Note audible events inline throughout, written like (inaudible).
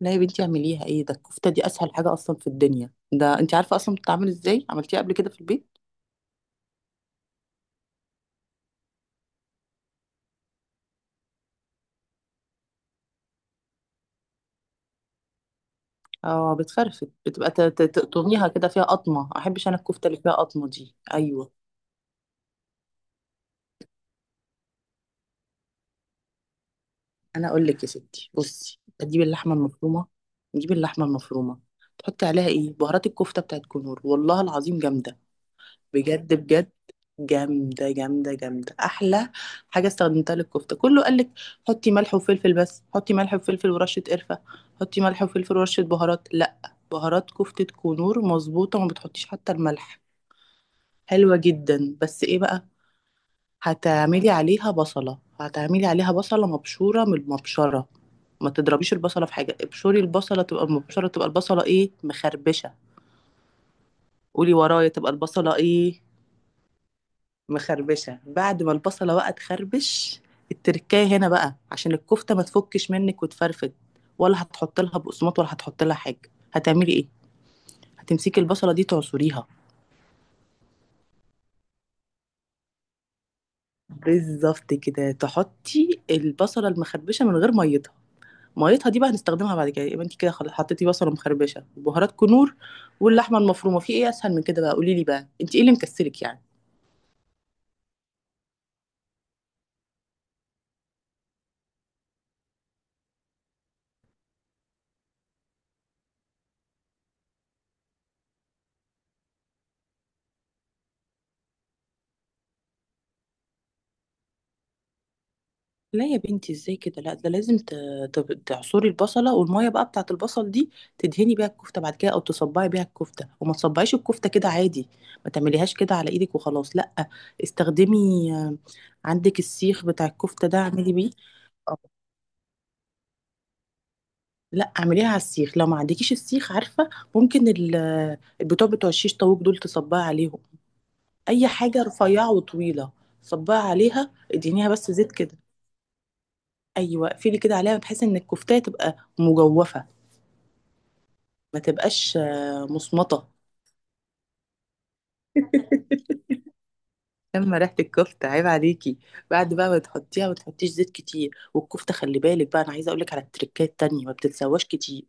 لا يا بنتي اعمليها، ايه ده؟ الكفته دي اسهل حاجه اصلا في الدنيا. ده انت عارفه اصلا بتتعمل ازاي، عملتيها قبل كده في البيت. اه بتفرفت، بتبقى تقطميها كده، فيها قطمه. ما احبش انا الكفته اللي فيها قطمه دي، ايوه. انا اقول لك يا ستي، بصي تجيبي اللحمه المفرومه. نجيب اللحمه المفرومه، تحطي عليها ايه؟ بهارات الكفته بتاعت كنور، والله العظيم جامده. بجد بجد جامدة جامدة جامدة، أحلى حاجة استخدمتها للكفتة. كله قالك حطي ملح وفلفل. بس حطي ملح وفلفل ورشة قرفة، حطي ملح وفلفل ورشة بهارات، لأ، بهارات كفتة كنور مظبوطة وما بتحطيش حتى الملح. حلوة جدا. بس إيه بقى؟ هتعملي عليها بصلة، هتعملي عليها بصلة مبشورة من المبشرة. ما تضربيش البصلة في حاجة، ابشري البصلة، تبقى المبشرة تبقى البصلة إيه؟ مخربشة. قولي ورايا، تبقى البصلة إيه؟ مخربشه. بعد ما البصله بقى تخربش، التركايه هنا بقى عشان الكفته ما تفكش منك وتفرفد. ولا هتحط لها بقسماط، ولا هتحط لها حاجه، هتعملي ايه؟ هتمسكي البصله دي تعصريها. بالظبط كده، تحطي البصله المخربشه من غير ميتها. ميتها دي بقى هنستخدمها بعد كده. يبقى انت كده خلاص حطيتي بصله مخربشه وبهارات كنور واللحمه المفرومه. في ايه اسهل من كده بقى؟ قولي لي بقى، انت ايه اللي مكسلك يعني؟ لا يا بنتي، ازاي كده؟ لا، ده لازم تعصري البصله، والميه بقى بتاعه البصل دي تدهني بيها الكفته بعد كده، او تصبعي بيها الكفته. وما تصبعيش الكفته كده عادي، ما تعمليهاش كده على ايدك وخلاص، لا. استخدمي، عندك السيخ بتاع الكفته ده، اعملي بيه. آه، لا، اعمليها على السيخ. لو ما عندكيش السيخ، عارفه، ممكن البتوع بتوع الشيش طاووق دول تصبعي عليهم. اي حاجه رفيعه وطويله، صبعي عليها، ادهنيها بس زيت كده. ايوه، اقفلي كده عليها بحيث ان الكفتة تبقى مجوفه. ما تبقاش مصمطة. اما ريحة الكفتة، عيب عليكي! بعد بقى ما تحطيها، ما تحطيش زيت كتير. والكفتة خلي بالك بقى، انا عايزة اقولك على التريكات التانية، ما بتتسواش كتير.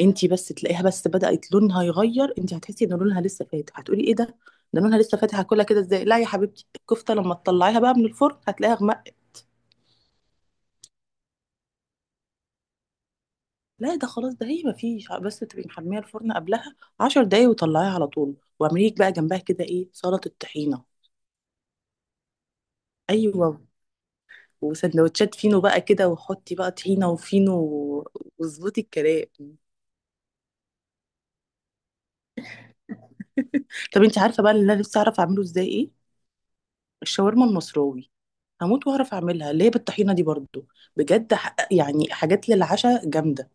انتي بس تلاقيها بس بدأت لونها يغير، انتي هتحسي ان لونها لسه فاتح، هتقولي ايه ده، ده لونها لسه فاتح، هاكلها كده ازاي؟ لا يا حبيبتي، الكفتة لما تطلعيها بقى من الفرن هتلاقيها غمق. لا ده خلاص، ده هي ما فيش، بس تبقي محمية الفرن قبلها 10 دقايق، وطلعيها على طول، واعمليك بقى جنبها كده ايه، سلطة طحينة. ايوه، وسندوتشات فينو بقى كده، وحطي بقى طحينه وفينو واظبطي الكلام. طب انت عارفه بقى اللي انا نفسي اعرف اعمله ازاي ايه؟ الشاورما المصراوي. هموت واعرف اعملها، اللي هي بالطحينه دي برضو. بجد، يعني حاجات للعشاء جامده.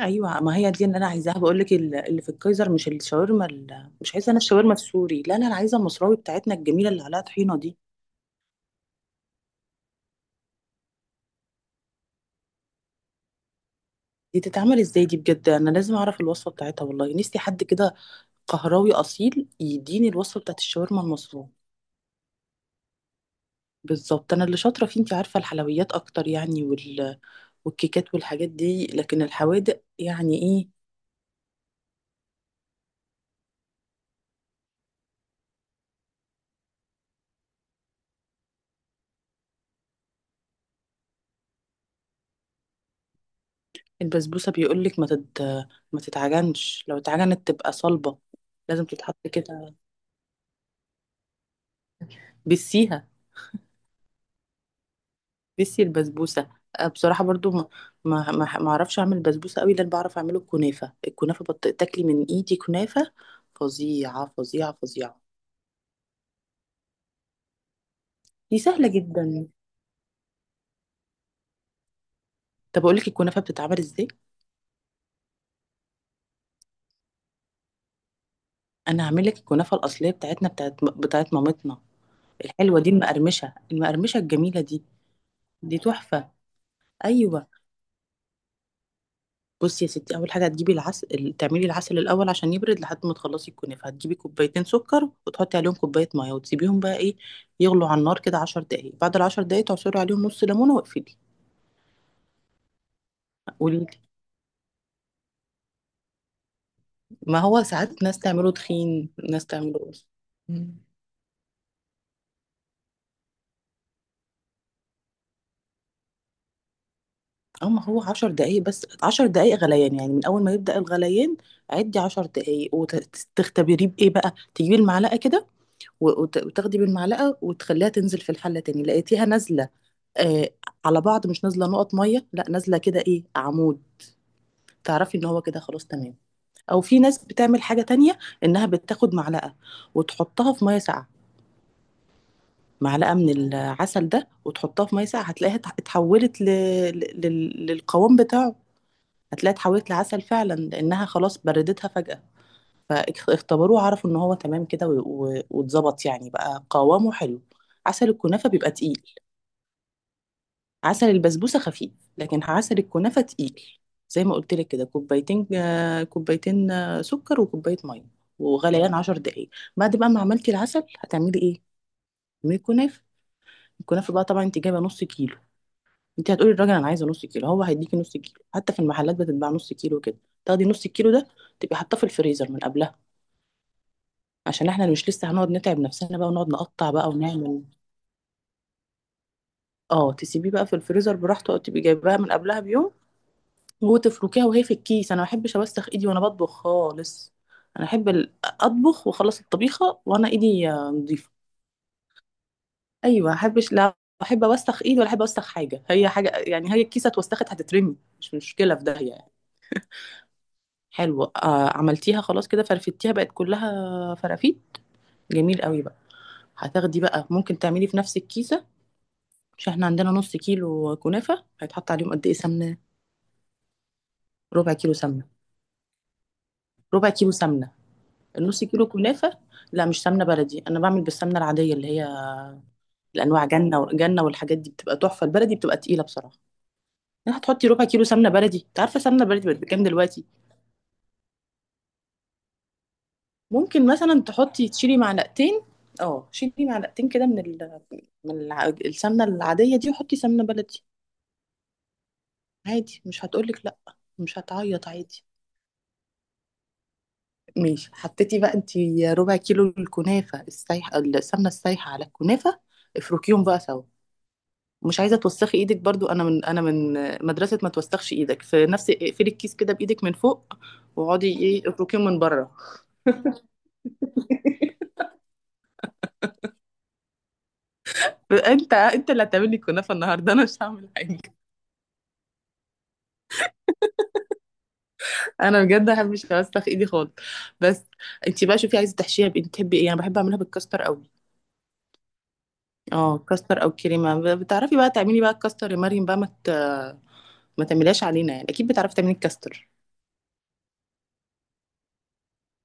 ايوه ما هي دي اللي انا عايزاها، بقول لك اللي في الكايزر، مش الشاورما مش عايزه انا الشاورما السوري، لا لا، انا عايزه المصراوي بتاعتنا الجميله اللي عليها طحينه دي. دي تتعمل ازاي دي بجد؟ انا لازم اعرف الوصفه بتاعتها، والله نفسي حد كده قهراوي اصيل يديني الوصفه بتاعت الشاورما المصراوي. بالظبط. انا اللي شاطره فيه انت عارفه الحلويات اكتر يعني والكيكات والحاجات دي، لكن الحوادق يعني ايه. البسبوسه بيقولك ما تتعجنش، لو اتعجنت تبقى صلبه. لازم تتحط كده، بسيها، بسي البسبوسه. أه، بصراحه برضو ما اعرفش اعمل بسبوسه قوي. لان بعرف اعمله الكنافه، الكنافه تاكلي من ايدي كنافه فظيعه فظيعه فظيعه. دي سهله جدا. طب اقول لك الكنافه بتتعمل ازاي. انا هعمل لك الكنافه الاصليه بتاعتنا، بتاعت مامتنا. الحلوه دي، المقرمشه المقرمشه الجميله دي، دي تحفه. ايوه. بصي يا ستي، اول حاجه هتجيبي العسل، تعملي العسل الاول عشان يبرد لحد ما تخلصي الكنافه. هتجيبي كوبايتين سكر، وتحطي عليهم كوبايه ميه، وتسيبيهم بقى ايه، يغلوا على النار كده عشرة دقائق. بعد ال عشرة دقائق تعصري عليهم نص ليمونه واقفلي. قولي لي. ما هو ساعات ناس تعمله تخين، ناس تعمله. مم. اه ما هو 10 دقايق بس، 10 دقايق غليان، يعني من اول ما يبدأ الغليان عدي 10 دقايق، وتختبريه بإيه بقى، تجيبي المعلقة كده وتاخدي بالمعلقه وتخليها تنزل في الحله تاني. لقيتيها نازله آه، على بعض، مش نازله نقط ميه، لا، نازله كده ايه، عمود، تعرفي ان هو كده خلاص تمام. او في ناس بتعمل حاجه تانية، انها بتاخد معلقه وتحطها في ميه ساقعه، معلقه من العسل ده وتحطها في ميه ساقعه، هتلاقيها اتحولت للقوام بتاعه. هتلاقيها اتحولت لعسل فعلا لانها خلاص بردتها فجاه. فاختبروه عرفوا ان هو تمام كده واتظبط، يعني بقى قوامه حلو. عسل الكنافه بيبقى تقيل. عسل البسبوسة خفيف، لكن عسل الكنافة تقيل. زي ما قلت لك كده، كوبايتين كوبايتين سكر وكوباية مية، وغليان 10 دقايق. بعد بقى ما عملتي العسل، هتعملي ايه؟ من الكنافة. الكنافة بقى، طبعا انت جايبة نص كيلو. انت هتقولي للراجل انا عايزة نص كيلو، هو هيديكي نص كيلو، حتى في المحلات بتتباع نص كيلو كده. تاخدي نص الكيلو ده، تبقي حاطاه في الفريزر من قبلها، عشان احنا مش لسه هنقعد نتعب نفسنا بقى ونقعد نقطع بقى ونعمل. اه تسيبيه بقى في الفريزر براحته، او تبقي جايباها من قبلها بيوم، وتفركيها وهي في الكيس. انا ما بحبش اوسخ ايدي وانا بطبخ خالص. انا احب اطبخ واخلص الطبيخه وانا ايدي نظيفه. ايوه، ما احبش، لا. احب اوسخ ايدي ولا احب اوسخ حاجه، هي حاجه يعني، هي الكيسه اتوسخت هتترمي، مش مشكله، في داهيه يعني. حلو، آه، عملتيها خلاص كده، فرفتيها، بقت كلها فرافيت، جميل قوي بقى. هتاخدي بقى، ممكن تعملي في نفس الكيسه. مش احنا عندنا نص كيلو كنافه، هيتحط عليهم قد ايه سمنه؟ ربع كيلو سمنه. ربع كيلو سمنه، نص كيلو كنافه. لا مش سمنه بلدي، انا بعمل بالسمنه العاديه اللي هي الانواع جنه جنه والحاجات دي، بتبقى تحفه. البلدي بتبقى تقيله بصراحه. يعني هتحطي ربع كيلو سمنه بلدي، انت عارفه سمنه بلدي بقت بكام دلوقتي؟ ممكن مثلا تحطي، تشيلي معلقتين، اه شيلي معلقتين كده السمنه العاديه دي، وحطي سمنه بلدي. عادي، مش هتقولك لا، مش هتعيط، عادي. ماشي، حطيتي بقى انت ربع كيلو الكنافه السايحه، السمنه السايحه على الكنافه، افركيهم بقى سوا. مش عايزه توسخي ايدك برضو، انا من مدرسه ما توسخش ايدك في نفس، اقفلي الكيس كده بايدك من فوق، واقعدي ايه، افركيه من بره. انت اللي هتعمل لي كنافه النهارده، انا مش هعمل حاجه. انا بجد ما بحبش اوسخ ايدي خالص. بس انت بقى شوفي عايزه تحشيها بايه، بتحبي ايه. انا بحب اعملها بالكاستر قوي. اه، كاستر او كريمه، بتعرفي بقى تعملي بقى الكاستر يا مريم بقى، ما تعمليهاش علينا يعني، اكيد بتعرفي تعملي الكاستر.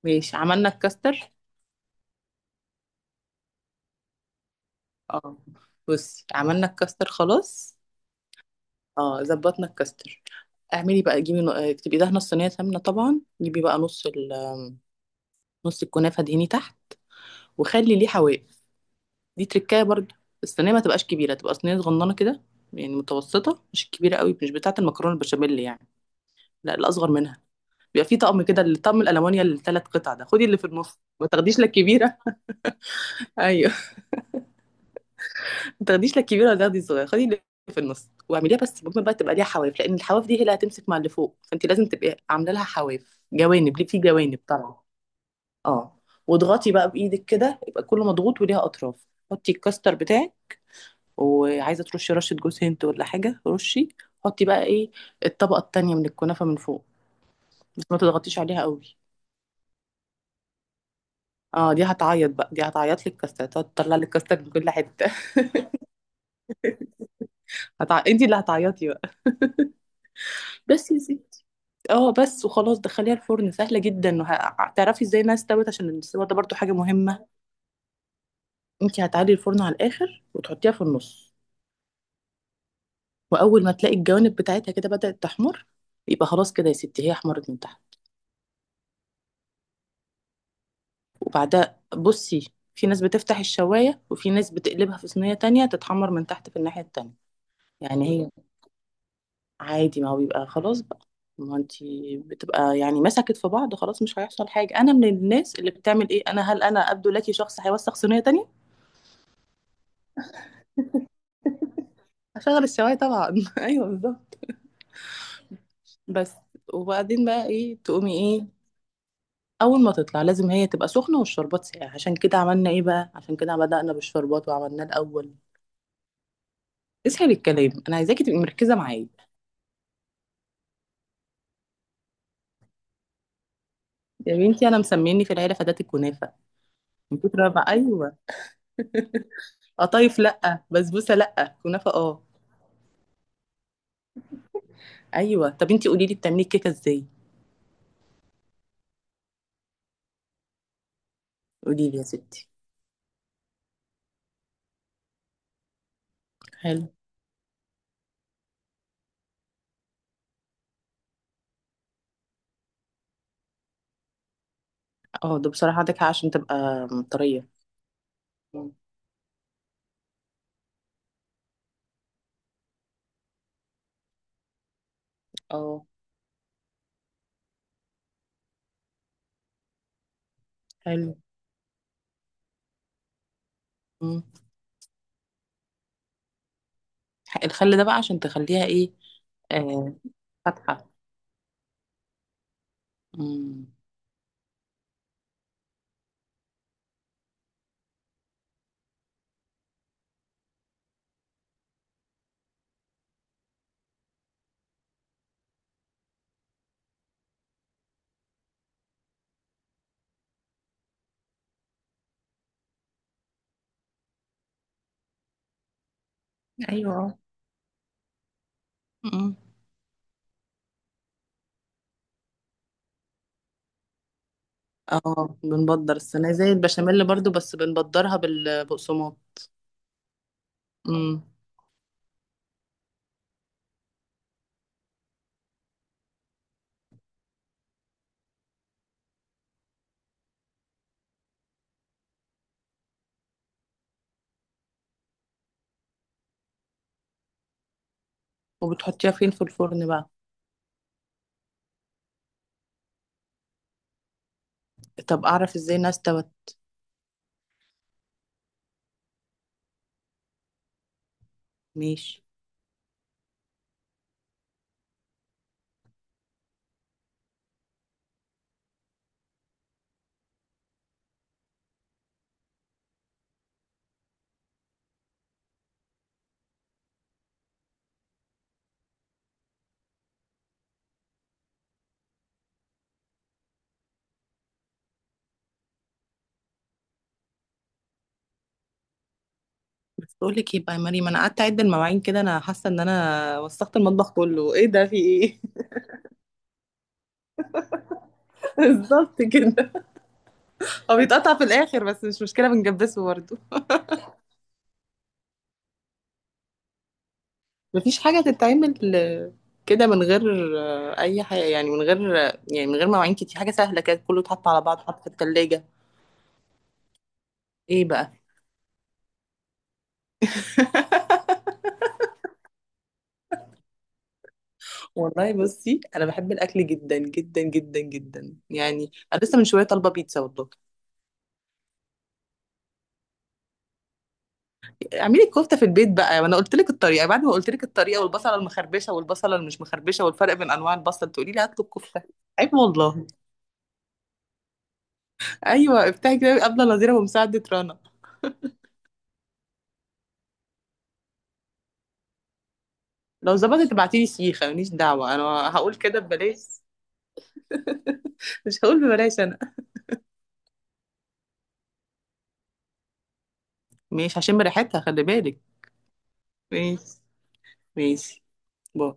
ماشي، عملنا الكاستر. اه، بصي، عملنا الكاستر خلاص. اه، ظبطنا الكاستر. اعملي بقى، جيبي اكتبي، دهنه الصينيه سمنه طبعا، جيبي بقى نص الكنافه دهني تحت، وخلي ليه حواف، دي تركايه برضو. الصينيه ما تبقاش كبيره، تبقى صينيه صغننه كده، يعني متوسطه، مش كبيره قوي، مش بتاعه المكرونه البشاميل يعني، لا، الاصغر منها. بيبقى فيه طقم كده، الطقم الالمونيا الثلاث قطع ده، خدي اللي في النص، ما تاخديش لا الكبيره. (laughs) ايوه، ما تاخديش لا الكبيره ولا تاخدي الصغيره، خدي اللي في النص واعمليها. بس ممكن بقى تبقى ليها حواف، لان الحواف دي هي اللي هتمسك مع اللي فوق، فانت لازم تبقي عامله لها حواف، جوانب ليه، في جوانب طبعا. اه، واضغطي بقى بايدك كده يبقى كله مضغوط وليها اطراف، حطي الكاستر بتاعك. وعايزه ترشي رشه جوز هند ولا حاجه، رشي. حطي بقى ايه، الطبقه التانية من الكنافه من فوق، بس ما تضغطيش عليها قوي. اه، دي هتعيط بقى، دي هتعيط لك كاستر، تقعد تطلع لك كاستر من كل حته. (laughs) انت اللي هتعيطي بقى. بس يا ستي. اه، بس وخلاص، دخليها الفرن. سهله جدا، وهتعرفي ازاي انها استوت، عشان الاستوى ده برضو حاجه مهمه. انت هتعلي الفرن على الاخر، وتحطيها في النص، واول ما تلاقي الجوانب بتاعتها كده بدأت تحمر، يبقى خلاص كده يا ستي، هي حمرت من تحت. وبعدها بصي، في ناس بتفتح الشواية، وفي ناس بتقلبها في صينية تانية تتحمر من تحت في الناحية التانية. يعني هي عادي، ما هو بيبقى خلاص بقى، ما انتي بتبقى يعني مسكت في بعض خلاص، مش هيحصل حاجة. أنا من الناس اللي بتعمل إيه، أنا، هل أنا أبدو لك شخص هيوسخ صينية تانية؟ هشغل الشواية طبعا. (laughs) أيوه، بالظبط. بس. وبعدين بقى إيه تقومي إيه؟ اول ما تطلع لازم هي تبقى سخنه والشربات ساقع، عشان كده عملنا ايه بقى، عشان كده بدأنا بالشربات وعملناه الاول. اسهل الكلام. انا عايزاكي تبقي مركزه معايا. يا بنتي انا مسميني في العيله فدات الكنافه، من كتر ما، ايوه، قطايف، لا، بسبوسه، لا، كنافه، اه. ايوه طب انتي قولي لي بتعملي الكيكه ازاي. قولي لي يا ستي. حلو. اه، ده بصراحه عندك حق عشان تبقى طريه. مم. اه، حلو. مم. الخل ده بقى عشان تخليها ايه؟ آه، فاتحه. مم. ايوه. اه، بنبدر السنة زي البشاميل برضو، بس بنبدرها بالبقسماط. امم. وبتحطيها فين في الفرن بقى؟ طب اعرف ازاي انها استوت؟ ماشي. بس بقول لك ايه بقى يا مريم، انا قعدت اعد المواعين كده، انا حاسه ان انا وسخت المطبخ كله، ايه ده، في ايه؟ (laughs) بالظبط كده. هو بيتقطع في الاخر بس مش مشكله، بنجبسه برضو. مفيش حاجه تتعمل كده من غير اي حاجه، يعني من غير، يعني من غير مواعين كتير، حاجه سهله كده، كله اتحط على بعض، حط في التلاجة. ايه بقى؟ (laughs) والله بصي انا بحب الاكل جدا جدا جدا جدا يعني، انا لسه من شويه طالبه بيتزا والله. اعملي الكفته في البيت بقى، وانا قلت لك الطريقه، بعد ما قلت لك الطريقه، والبصله المخربشه، والبصله اللي مش مخربشه، والفرق بين انواع البصل، تقولي لي هطلب كفته؟ عيب والله! ايوه، افتحي كده قبل نظيره ومساعده رنا. لو ظبطت ابعتي لي سيخه، ماليش دعوه انا. هقول كده ببلاش، مش هقول ببلاش انا. ماشي، هشم ريحتها خلي بالك. ماشي. ماشي، باي.